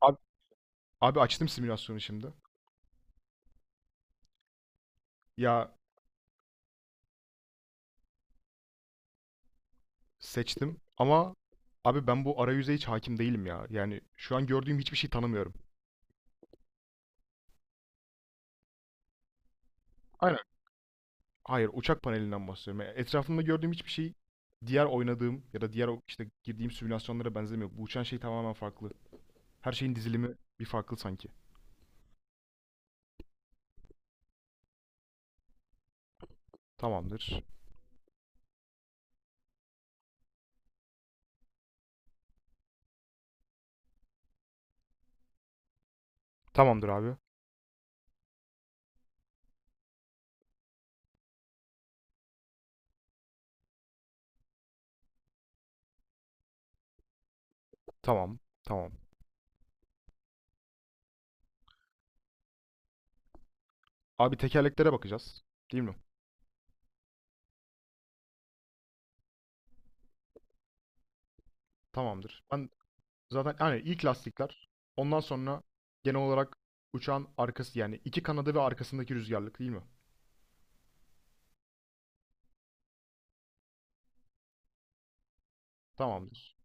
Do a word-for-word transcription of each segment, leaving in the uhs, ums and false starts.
Abi, abi açtım simülasyonu şimdi. Ya seçtim ama abi ben bu arayüze hiç hakim değilim ya. Yani şu an gördüğüm hiçbir şey tanımıyorum. Aynen. Hayır, uçak panelinden bahsediyorum. Yani etrafımda gördüğüm hiçbir şey diğer oynadığım ya da diğer o- işte girdiğim simülasyonlara benzemiyor. Bu uçan şey tamamen farklı. Her şeyin dizilimi bir farklı sanki. Tamamdır. Tamamdır abi. Tamam. Tamam. Abi tekerleklere bakacağız. Değil mi? Tamamdır. Ben zaten hani ilk lastikler. Ondan sonra genel olarak uçağın arkası, yani iki kanadı ve arkasındaki rüzgarlık, değil mi? Tamamdır.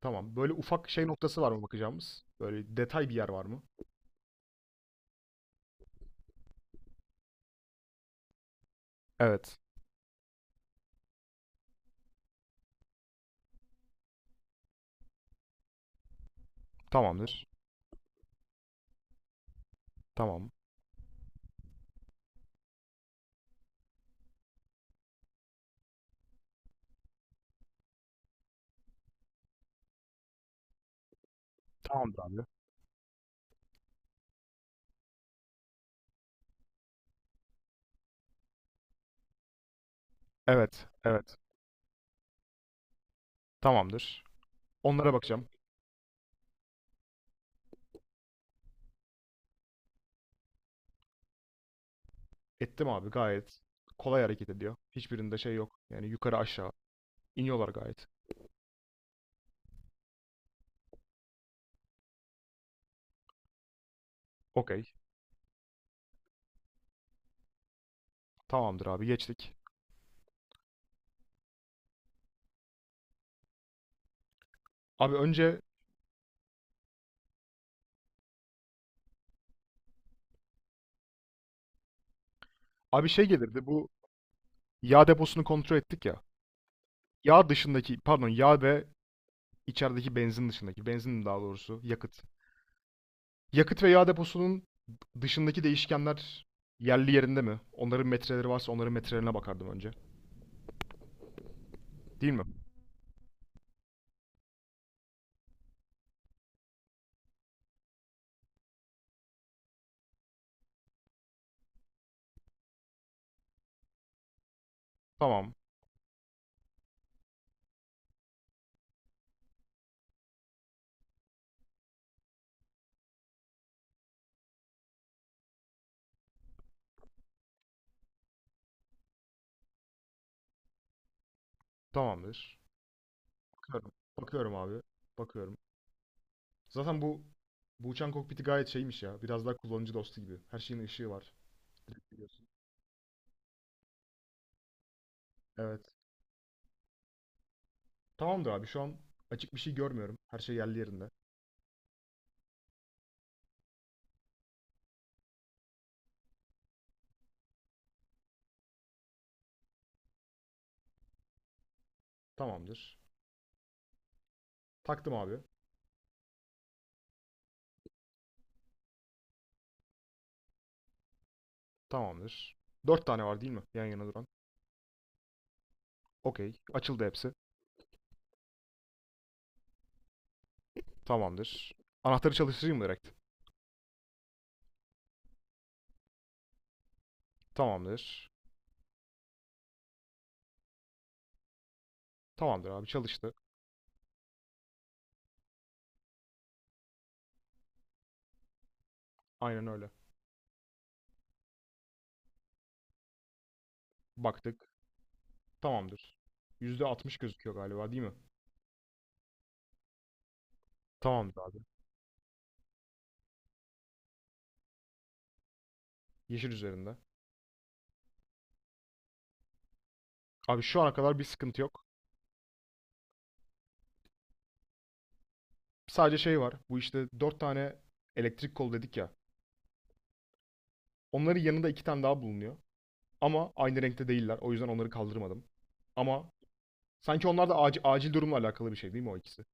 Tamam. Böyle ufak şey noktası var mı bakacağımız? Böyle detay bir yer var mı? Evet. Tamamdır. Tamam. Tamamdır abi. Evet. Evet. Tamamdır. Onlara bakacağım. Ettim abi gayet. Kolay hareket ediyor. Hiçbirinde şey yok. Yani yukarı aşağı iniyorlar gayet. Okey. Tamamdır abi geçtik. Abi önce abi şey gelirdi, bu yağ deposunu kontrol ettik ya. Yağ dışındaki, pardon yağ ve içerideki benzin dışındaki, benzin daha doğrusu yakıt. Yakıt ve yağ deposunun dışındaki değişkenler yerli yerinde mi? Onların metreleri varsa onların metrelerine bakardım önce. Değil mi? Tamam. Tamamdır. Bakıyorum. Bakıyorum abi. Bakıyorum. Zaten bu bu uçan kokpiti gayet şeymiş ya. Biraz daha kullanıcı dostu gibi. Her şeyin ışığı var. Biliyorsun. Evet. Tamamdır abi. Şu an açık bir şey görmüyorum. Her şey yerli yerinde. Tamamdır. Taktım abi. Tamamdır. Dört tane var değil mi? Yan yana duran. Okey. Açıldı hepsi. Tamamdır. Anahtarı çalıştırayım mı direkt? Tamamdır. Tamamdır abi çalıştı. Aynen öyle. Baktık. Tamamdır. yüzde altmış gözüküyor galiba değil mi? Tamamdır abi. Yeşil üzerinde. Abi şu ana kadar bir sıkıntı yok. Sadece şey var. Bu işte dört tane elektrik kol dedik ya. Onların yanında iki tane daha bulunuyor. Ama aynı renkte değiller. O yüzden onları kaldırmadım. Ama sanki onlar da acil, acil durumla alakalı bir şey, değil mi o ikisi?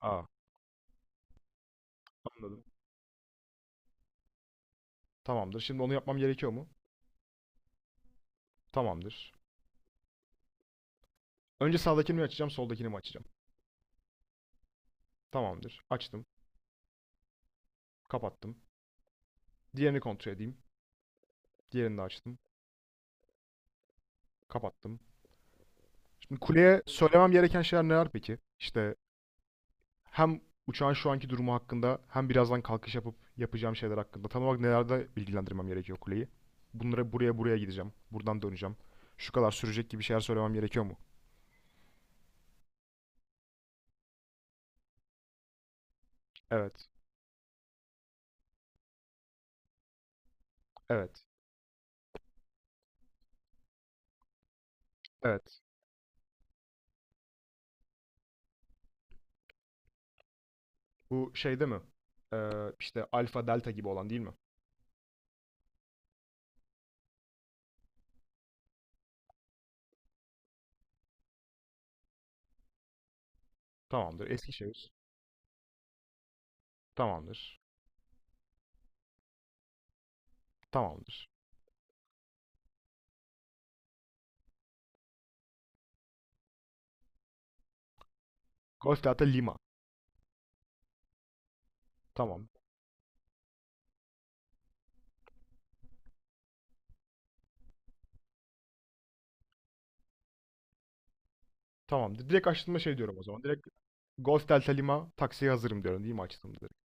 Aa, anladım. Tamamdır. Şimdi onu yapmam gerekiyor mu? Tamamdır. Önce sağdakini mi açacağım, soldakini mi açacağım? Tamamdır. Açtım, kapattım. Diğerini kontrol edeyim. Diğerini de açtım, kapattım. Şimdi kuleye söylemem gereken şeyler neler peki? İşte hem uçağın şu anki durumu hakkında, hem birazdan kalkış yapıp yapacağım şeyler hakkında. Tam olarak nelerde bilgilendirmem gerekiyor kuleyi? Bunlara buraya buraya gideceğim. Buradan döneceğim. Şu kadar sürecek gibi şeyler söylemem gerekiyor mu? Evet. Evet. Evet. Bu şeyde mi? Ee, işte alfa delta gibi olan değil mi? Tamamdır. Eskişehir. Tamamdır. Tamamdır. Golf Delta Lima. Tamam. Tamam. Direkt açtığımda şey diyorum o zaman. Direkt Golf Delta Lima taksiye hazırım diyorum değil mi açtığımda direkt?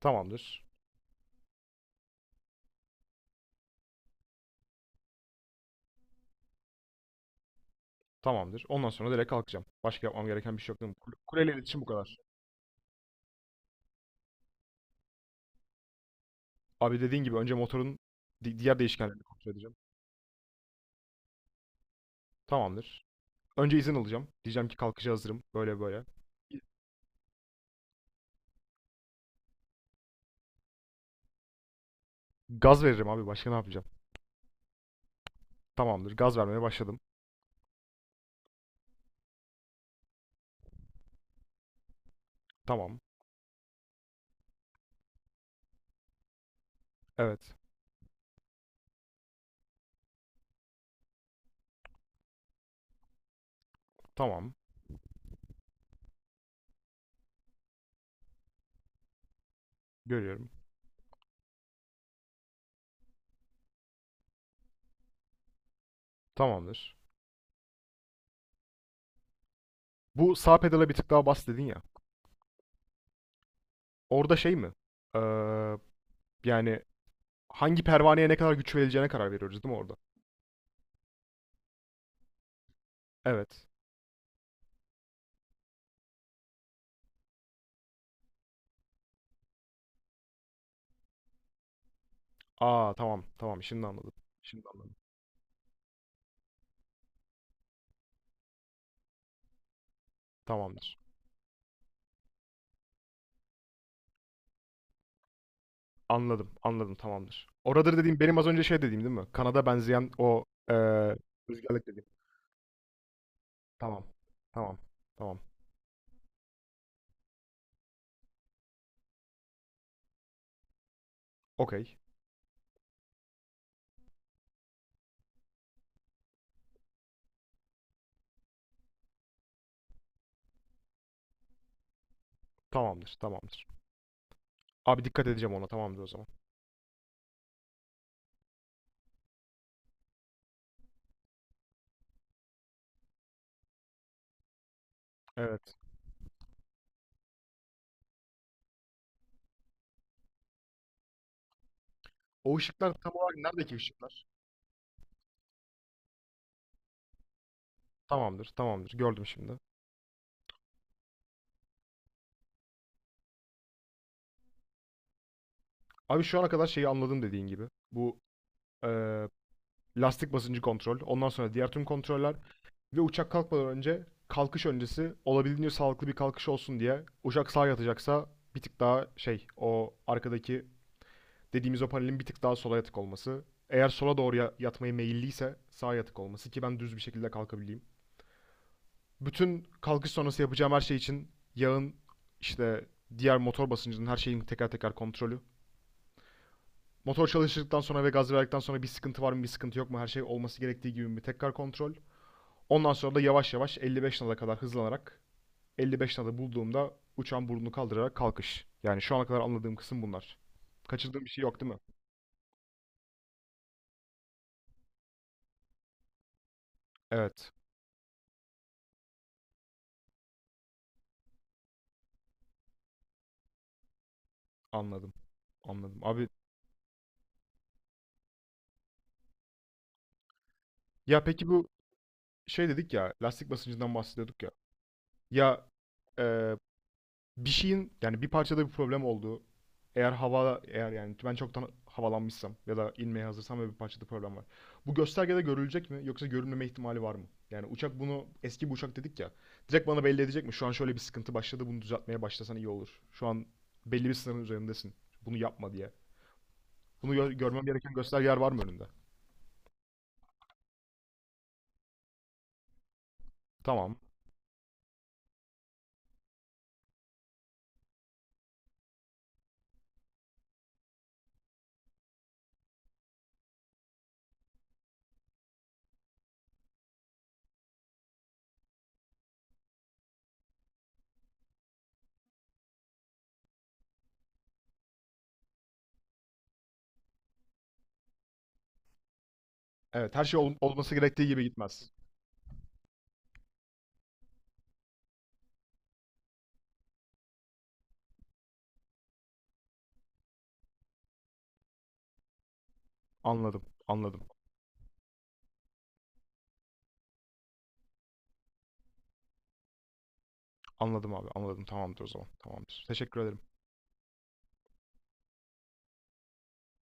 Tamamdır. Tamamdır. Ondan sonra direkt kalkacağım. Başka yapmam gereken bir şey yok değil mi? Kule- Kuleyle iletişim bu kadar. Abi dediğin gibi önce motorun di- diğer değişkenlerini kontrol edeceğim. Tamamdır. Önce izin alacağım. Diyeceğim ki kalkışa hazırım. Böyle böyle. Gaz veririm abi. Başka ne yapacağım? Tamamdır. Gaz vermeye başladım. Tamam. Evet. Tamam. Görüyorum. Tamamdır. Bu sağ pedala bir tık daha bas dedin ya. Orada şey mi? Ee, Yani hangi pervaneye ne kadar güç verileceğine karar veriyoruz değil mi orada? Evet. Aa tamam tamam şimdi anladım. Şimdi anladım. Tamamdır. Anladım anladım tamamdır. Oradır dediğim benim az önce şey dediğim değil mi? Kanada benzeyen o eee rüzgarlık dediğim. Tamam. Tamam. Tamam. Okey. Tamamdır tamamdır. Abi dikkat edeceğim ona, tamamdır o zaman. Evet. O ışıklar tam olarak neredeki ışıklar? Tamamdır tamamdır gördüm şimdi. Abi şu ana kadar şeyi anladım dediğin gibi. Bu eee, lastik basıncı kontrol, ondan sonra diğer tüm kontroller ve uçak kalkmadan önce, kalkış öncesi, olabildiğince sağlıklı bir kalkış olsun diye uçak sağa yatacaksa bir tık daha şey, o arkadaki dediğimiz o panelin bir tık daha sola yatık olması. Eğer sola doğru yatmayı yatmaya meyilliyse sağa yatık olması ki ben düz bir şekilde kalkabileyim. Bütün kalkış sonrası yapacağım her şey için yağın, işte diğer motor basıncının, her şeyin teker teker kontrolü. Motor çalıştıktan sonra ve gaz verdikten sonra bir sıkıntı var mı, bir sıkıntı yok mu, her şey olması gerektiği gibi mi, tekrar kontrol. Ondan sonra da yavaş yavaş elli beş nada kadar hızlanarak elli beş nada bulduğumda uçağın burnunu kaldırarak kalkış. Yani şu ana kadar anladığım kısım bunlar. Kaçırdığım bir şey yok değil mi? Evet, anladım. Anladım. Abi ya peki bu şey dedik ya, lastik basıncından bahsediyorduk ya. Ya e, Bir şeyin, yani bir parçada bir problem olduğu, eğer hava, eğer yani ben çoktan havalanmışsam ya da inmeye hazırsam ve bir parçada problem var. Bu göstergede görülecek mi yoksa görünmeme ihtimali var mı? Yani uçak bunu, eski bir uçak dedik ya. Direkt bana belli edecek mi? Şu an şöyle bir sıkıntı başladı, bunu düzeltmeye başlasan iyi olur. Şu an belli bir sınırın üzerindesin. Bunu yapma diye. Bunu gö- görmem gereken göstergeler var mı önünde? Tamam. Evet her şey ol- olması gerektiği gibi gitmez. Anladım. Anladım. Anladım abi. Anladım. Tamamdır o zaman. Tamamdır. Teşekkür ederim.